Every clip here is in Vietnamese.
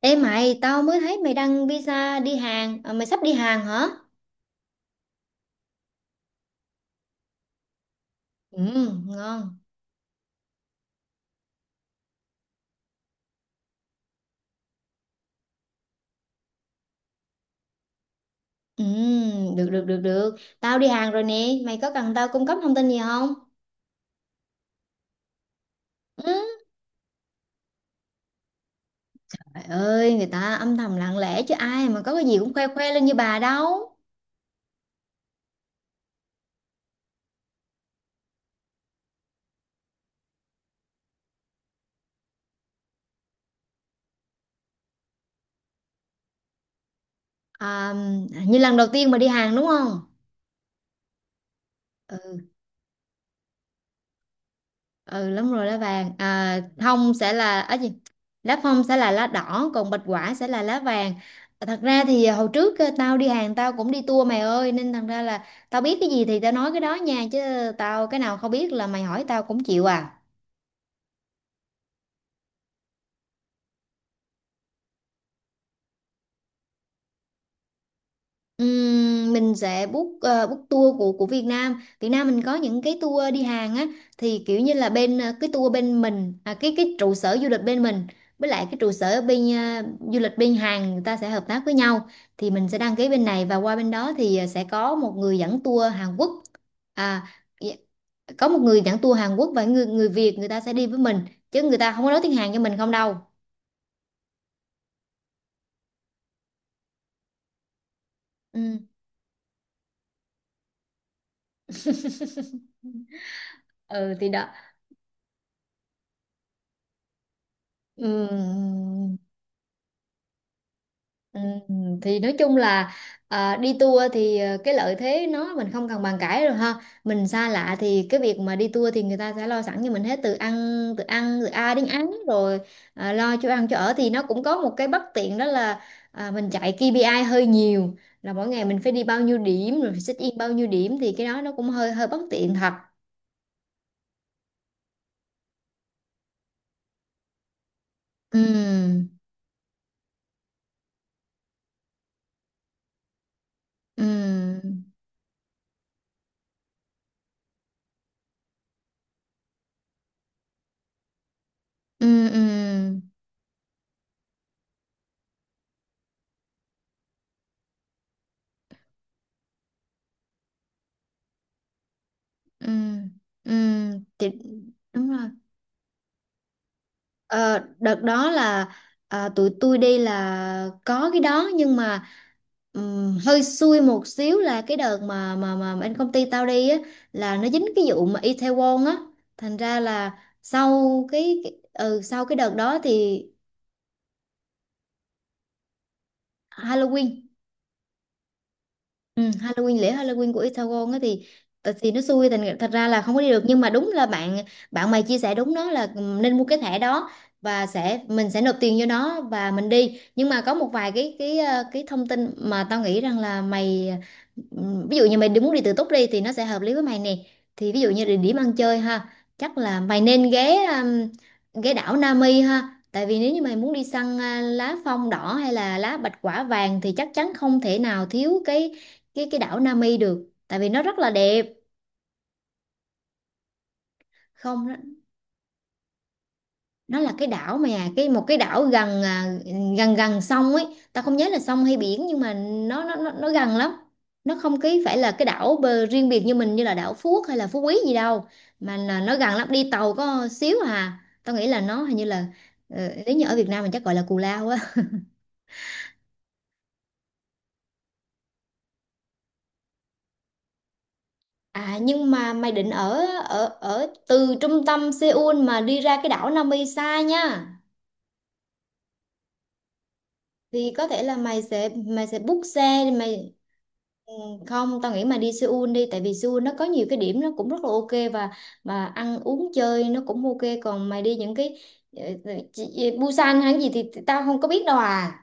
Ê mày, tao mới thấy mày đăng visa đi Hàn, à, mày sắp đi Hàn hả? Ừ, ngon. Ừ, được được được được. Tao đi Hàn rồi nè, mày có cần tao cung cấp thông tin gì không? Ừ. Trời ơi, người ta âm thầm lặng lẽ chứ ai mà có cái gì cũng khoe khoe lên như bà đâu. À, như lần đầu tiên mà đi Hàn đúng không? Ừ. Ừ, đúng rồi, lá vàng. À, thông sẽ là ấy gì, lá phong sẽ là lá đỏ, còn bạch quả sẽ là lá vàng. Thật ra thì hồi trước tao đi hàng tao cũng đi tour mày ơi, nên thành ra là tao biết cái gì thì tao nói cái đó nha, chứ tao cái nào không biết là mày hỏi tao cũng chịu à. Mình sẽ book book tour của Việt Nam. Việt Nam mình có những cái tour đi Hàn á, thì kiểu như là bên cái tour bên mình, à, cái trụ sở du lịch bên mình, với lại cái trụ sở ở bên du lịch bên Hàn, người ta sẽ hợp tác với nhau, thì mình sẽ đăng ký bên này và qua bên đó thì sẽ có một người dẫn tour Hàn Quốc. À, dạ, có một người dẫn tour Hàn Quốc và người người Việt người ta sẽ đi với mình, chứ người ta không có nói tiếng Hàn cho mình không đâu. Ừm. Ừ thì đó. Ừm. Ừ, thì nói chung là, đi tour thì, à, cái lợi thế nó mình không cần bàn cãi rồi ha, mình xa lạ thì cái việc mà đi tour thì người ta sẽ lo sẵn cho mình hết từ ăn, từ ăn từ A đến án rồi. Lo cho ăn cho ở thì nó cũng có một cái bất tiện đó là mình chạy KPI hơi nhiều, là mỗi ngày mình phải đi bao nhiêu điểm rồi phải check in bao nhiêu điểm, thì cái đó nó cũng hơi hơi bất tiện thật. Ừ. Ừ. Ừ. Ừ. Ừ. Ừ. Ừ, thì đúng rồi. Ờ, đợt đó là, tụi tôi đi là có cái đó nhưng mà hơi xui một xíu là cái đợt mà bên công ty tao đi á, là nó dính cái vụ mà Itaewon á, thành ra là sau cái đợt đó thì Halloween. Ừ, Halloween, lễ Halloween của Itaewon á, thì thì nó xui, thành thật ra là không có đi được, nhưng mà đúng là bạn bạn mày chia sẻ đúng đó, là ừ, nên mua cái thẻ đó và mình sẽ nộp tiền cho nó và mình đi. Nhưng mà có một vài cái thông tin mà tao nghĩ rằng là mày, ví dụ như mày muốn đi tự túc đi thì nó sẽ hợp lý với mày nè, thì ví dụ như địa điểm ăn chơi ha, chắc là mày nên ghé ghé đảo Nami ha, tại vì nếu như mày muốn đi săn, lá phong đỏ hay là lá bạch quả vàng, thì chắc chắn không thể nào thiếu cái đảo Nami được, tại vì nó rất là đẹp. Không, nó là cái đảo mà, một cái đảo gần, gần sông ấy, ta không nhớ là sông hay biển, nhưng mà nó gần lắm. Nó không cái phải là cái đảo bờ riêng biệt như mình, như là đảo Phú Quốc hay là Phú Quý gì đâu, mà là nó gần lắm, đi tàu có xíu à. Tao nghĩ là nó hình như là ờ, nếu như ở Việt Nam mình chắc gọi là Cù Lao á. À, nhưng mà mày định ở ở ở từ trung tâm Seoul mà đi ra cái đảo Nami xa nha, thì có thể là mày sẽ book xe thì mày, không, tao nghĩ mày đi Seoul đi, tại vì Seoul nó có nhiều cái điểm nó cũng rất là ok, và ăn uống chơi nó cũng ok, còn mày đi những cái Busan hay gì thì tao không có biết đâu à.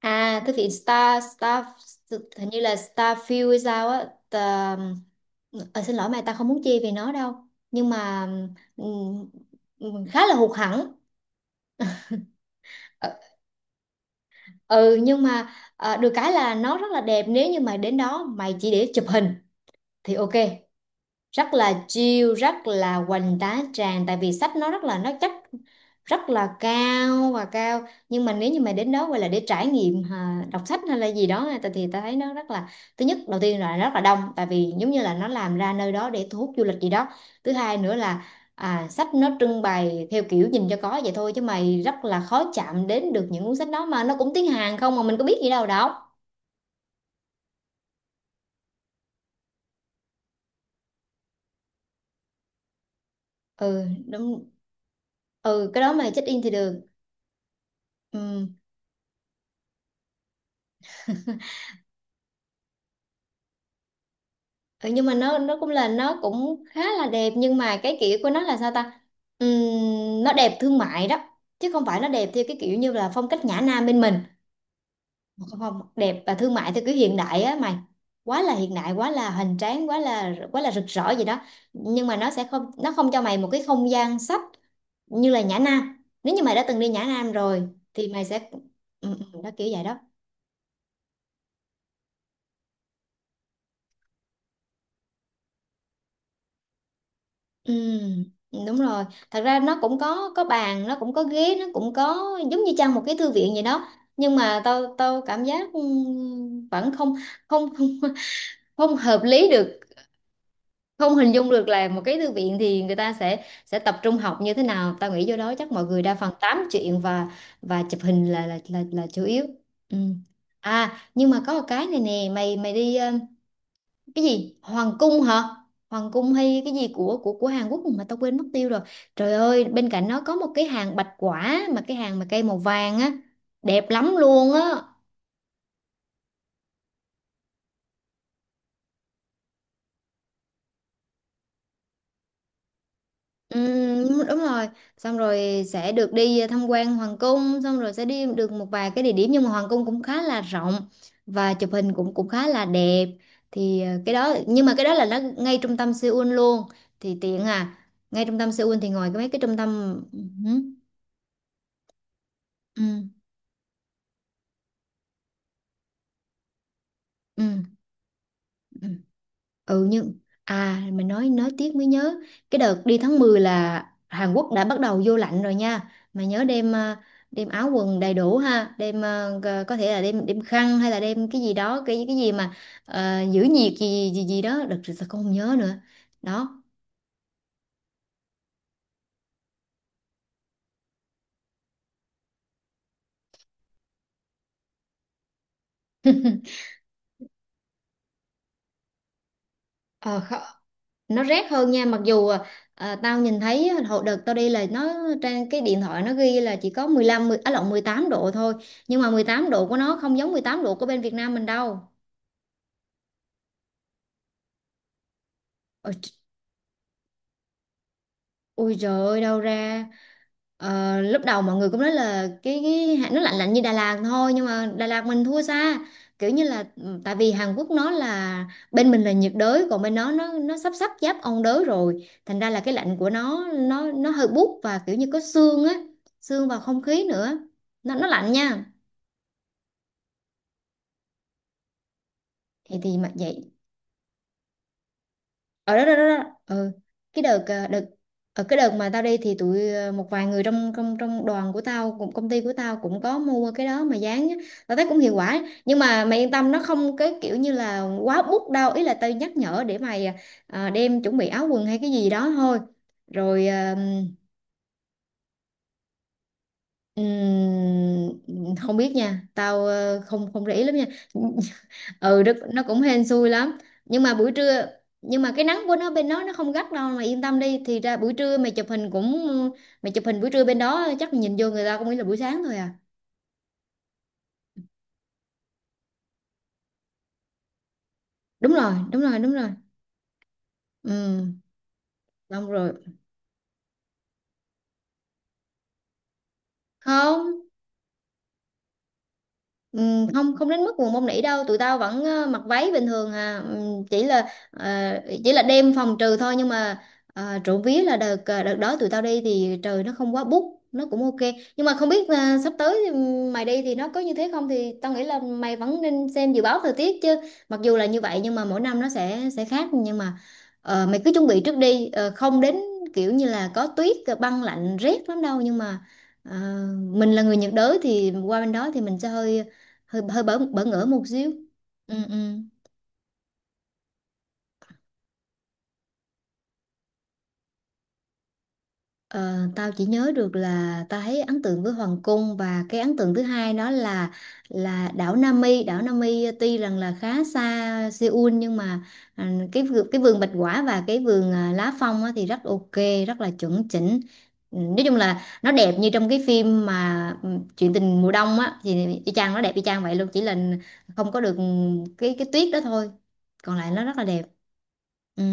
Thực hiện Star Star, hình như là Starfield hay sao á. Xin lỗi mày, tao không muốn chê về nó đâu, nhưng mà ừm, khá là hụt hẫng. Ừ, nhưng mà được cái là nó rất là đẹp, nếu như mày đến đó mày chỉ để chụp hình thì ok, rất là chill, rất là hoành tá tràng, tại vì sách nó rất là nó chất, rất là cao và cao. Nhưng mà nếu như mà đến đó gọi là để trải nghiệm, đọc sách hay là gì đó, thì ta thấy nó rất là, thứ nhất đầu tiên là rất là đông, tại vì giống như là nó làm ra nơi đó để thu hút du lịch gì đó. Thứ hai nữa là sách nó trưng bày theo kiểu nhìn cho có vậy thôi, chứ mày rất là khó chạm đến được những cuốn sách đó, mà nó cũng tiếng Hàn không, mà mình có biết gì đâu đọc. Ừ, đúng. Ừ, cái đó mà check in thì được. Ừ. Ừ, nhưng mà nó cũng là nó cũng khá là đẹp, nhưng mà cái kiểu của nó là sao ta, Ừm, nó đẹp thương mại đó, chứ không phải nó đẹp theo cái kiểu như là phong cách nhã nam bên mình. Không, không, đẹp và thương mại theo kiểu hiện đại á mày, quá là hiện đại, quá là hoành tráng, quá là rực rỡ gì đó, nhưng mà nó không cho mày một cái không gian sách như là nhã nam, nếu như mày đã từng đi nhã nam rồi thì mày sẽ, ừ, ừ, đó, kiểu vậy đó. Ừ, đúng rồi. Thật ra nó cũng có bàn, nó cũng có ghế, nó cũng có giống như trang một cái thư viện vậy đó. Nhưng mà tao tao cảm giác vẫn không, không, không không hợp lý được, không hình dung được là một cái thư viện thì người ta sẽ tập trung học như thế nào. Tao nghĩ vô đó chắc mọi người đa phần tám chuyện và chụp hình là chủ yếu. Ừ. À, nhưng mà có một cái này nè, mày mày đi cái gì, hoàng cung hả, hoàng cung hay cái gì của Hàn Quốc mà tao quên mất tiêu rồi. Trời ơi, bên cạnh nó có một cái hàng bạch quả, mà cái hàng mà cây màu vàng á, đẹp lắm luôn á. Đúng rồi, xong rồi sẽ được đi tham quan hoàng cung, xong rồi sẽ đi được một vài cái địa điểm, nhưng mà hoàng cung cũng khá là rộng và chụp hình cũng cũng khá là đẹp, thì cái đó, nhưng mà cái đó là nó ngay trung tâm Seoul luôn, thì tiện à. Ngay trung tâm Seoul thì ngoài cái mấy cái trung tâm, ừ, ừ. Ừ. Ừ, nhưng à mà nói tiếc mới nhớ, cái đợt đi tháng 10 là Hàn Quốc đã bắt đầu vô lạnh rồi nha, mà nhớ đem, đem áo quần đầy đủ ha, đem, có thể là đem đem khăn hay là đem cái gì đó, cái gì mà giữ nhiệt gì gì gì đó, đợt rồi sao con không nhớ nữa. Đó. Ờ, nó rét hơn nha, mặc dù tao nhìn thấy hồi đợt tao đi là nó, trên cái điện thoại nó ghi là chỉ có 15 10, á lộn, 18 độ thôi, nhưng mà 18 độ của nó không giống 18 độ của bên Việt Nam mình đâu. Ui trời ơi, đâu ra. Ờ, lúc đầu mọi người cũng nói là cái nó lạnh lạnh như Đà Lạt thôi, nhưng mà Đà Lạt mình thua xa, kiểu như là tại vì Hàn Quốc nó là, bên mình là nhiệt đới, còn bên nó sắp sắp giáp ôn đới rồi, thành ra là cái lạnh của nó hơi buốt và kiểu như có sương á, sương vào không khí nữa, nó lạnh nha. Thì mà vậy. Ở đó, đó, đó, đó. Ừ. Đợt ở, cái đợt mà tao đi, thì một vài người trong trong trong đoàn của tao, cũng công ty của tao cũng có mua cái đó mà dán á. Tao thấy cũng hiệu quả, nhưng mà mày yên tâm, nó không cái kiểu như là quá bút đâu, ý là tao nhắc nhở để mày đem chuẩn bị áo quần hay cái gì đó thôi. Rồi không biết nha, tao không, không để ý lắm nha. Ừ, nó cũng hên xui lắm, nhưng mà buổi trưa, nhưng mà cái nắng của nó bên đó nó không gắt đâu mà yên tâm đi, thì ra buổi trưa mày chụp hình cũng, mày chụp hình buổi trưa bên đó chắc nhìn vô người ta cũng nghĩ là buổi sáng thôi à. Đúng rồi, đúng rồi, đúng rồi. Ừ. Xong rồi. Không. Ừ, không, không đến mức buồn bông nỉ đâu, tụi tao vẫn mặc váy bình thường à. Chỉ là chỉ là đêm phòng trừ thôi, nhưng mà trộm vía là đợt, đợt đó tụi tao đi thì trời nó không quá bút, nó cũng ok, nhưng mà không biết sắp tới thì mày đi thì nó có như thế không, thì tao nghĩ là mày vẫn nên xem dự báo thời tiết chứ, mặc dù là như vậy, nhưng mà mỗi năm nó sẽ khác. Nhưng mà mày cứ chuẩn bị trước đi. Ờ, không đến kiểu như là có tuyết, băng lạnh rét lắm đâu, nhưng mà, ờ, mình là người nhiệt đới thì qua bên đó thì mình sẽ hơi, hơi hơi bỡ bỡ ngỡ một xíu. Ừ. Ừ. Ờ, tao chỉ nhớ được là tao thấy ấn tượng với hoàng cung, và cái ấn tượng thứ hai đó là đảo Nami. Tuy rằng là khá xa Seoul, nhưng mà, cái vườn bạch quả và cái vườn, lá phong á, thì rất ok, rất là chuẩn chỉnh. Ừ, nói chung là nó đẹp như trong cái phim mà, chuyện tình mùa đông á, thì y chang, nó đẹp y chang vậy luôn, chỉ là không có được cái tuyết đó thôi, còn lại nó rất là đẹp. Ừ.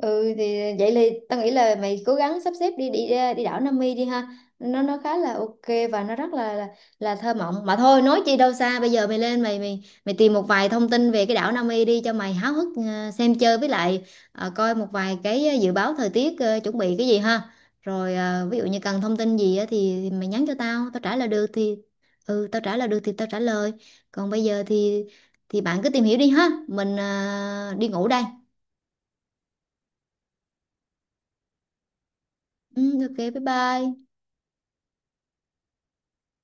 Ừ, thì vậy thì tao nghĩ là mày cố gắng sắp xếp đi đi, đi đảo Nam Mi đi ha, nó khá là ok, và nó rất là thơ mộng, mà thôi nói chi đâu xa, bây giờ mày lên, mày mày mày tìm một vài thông tin về cái đảo Nam Mi đi cho mày háo hức, xem chơi, với lại coi một vài cái, dự báo thời tiết, chuẩn bị cái gì ha, rồi ví dụ như cần thông tin gì á, thì mày nhắn cho tao tao trả lời được thì, ừ, tao trả lời được thì tao trả lời, còn bây giờ thì bạn cứ tìm hiểu đi ha, mình đi ngủ đây. Ừ, ok, bye bye.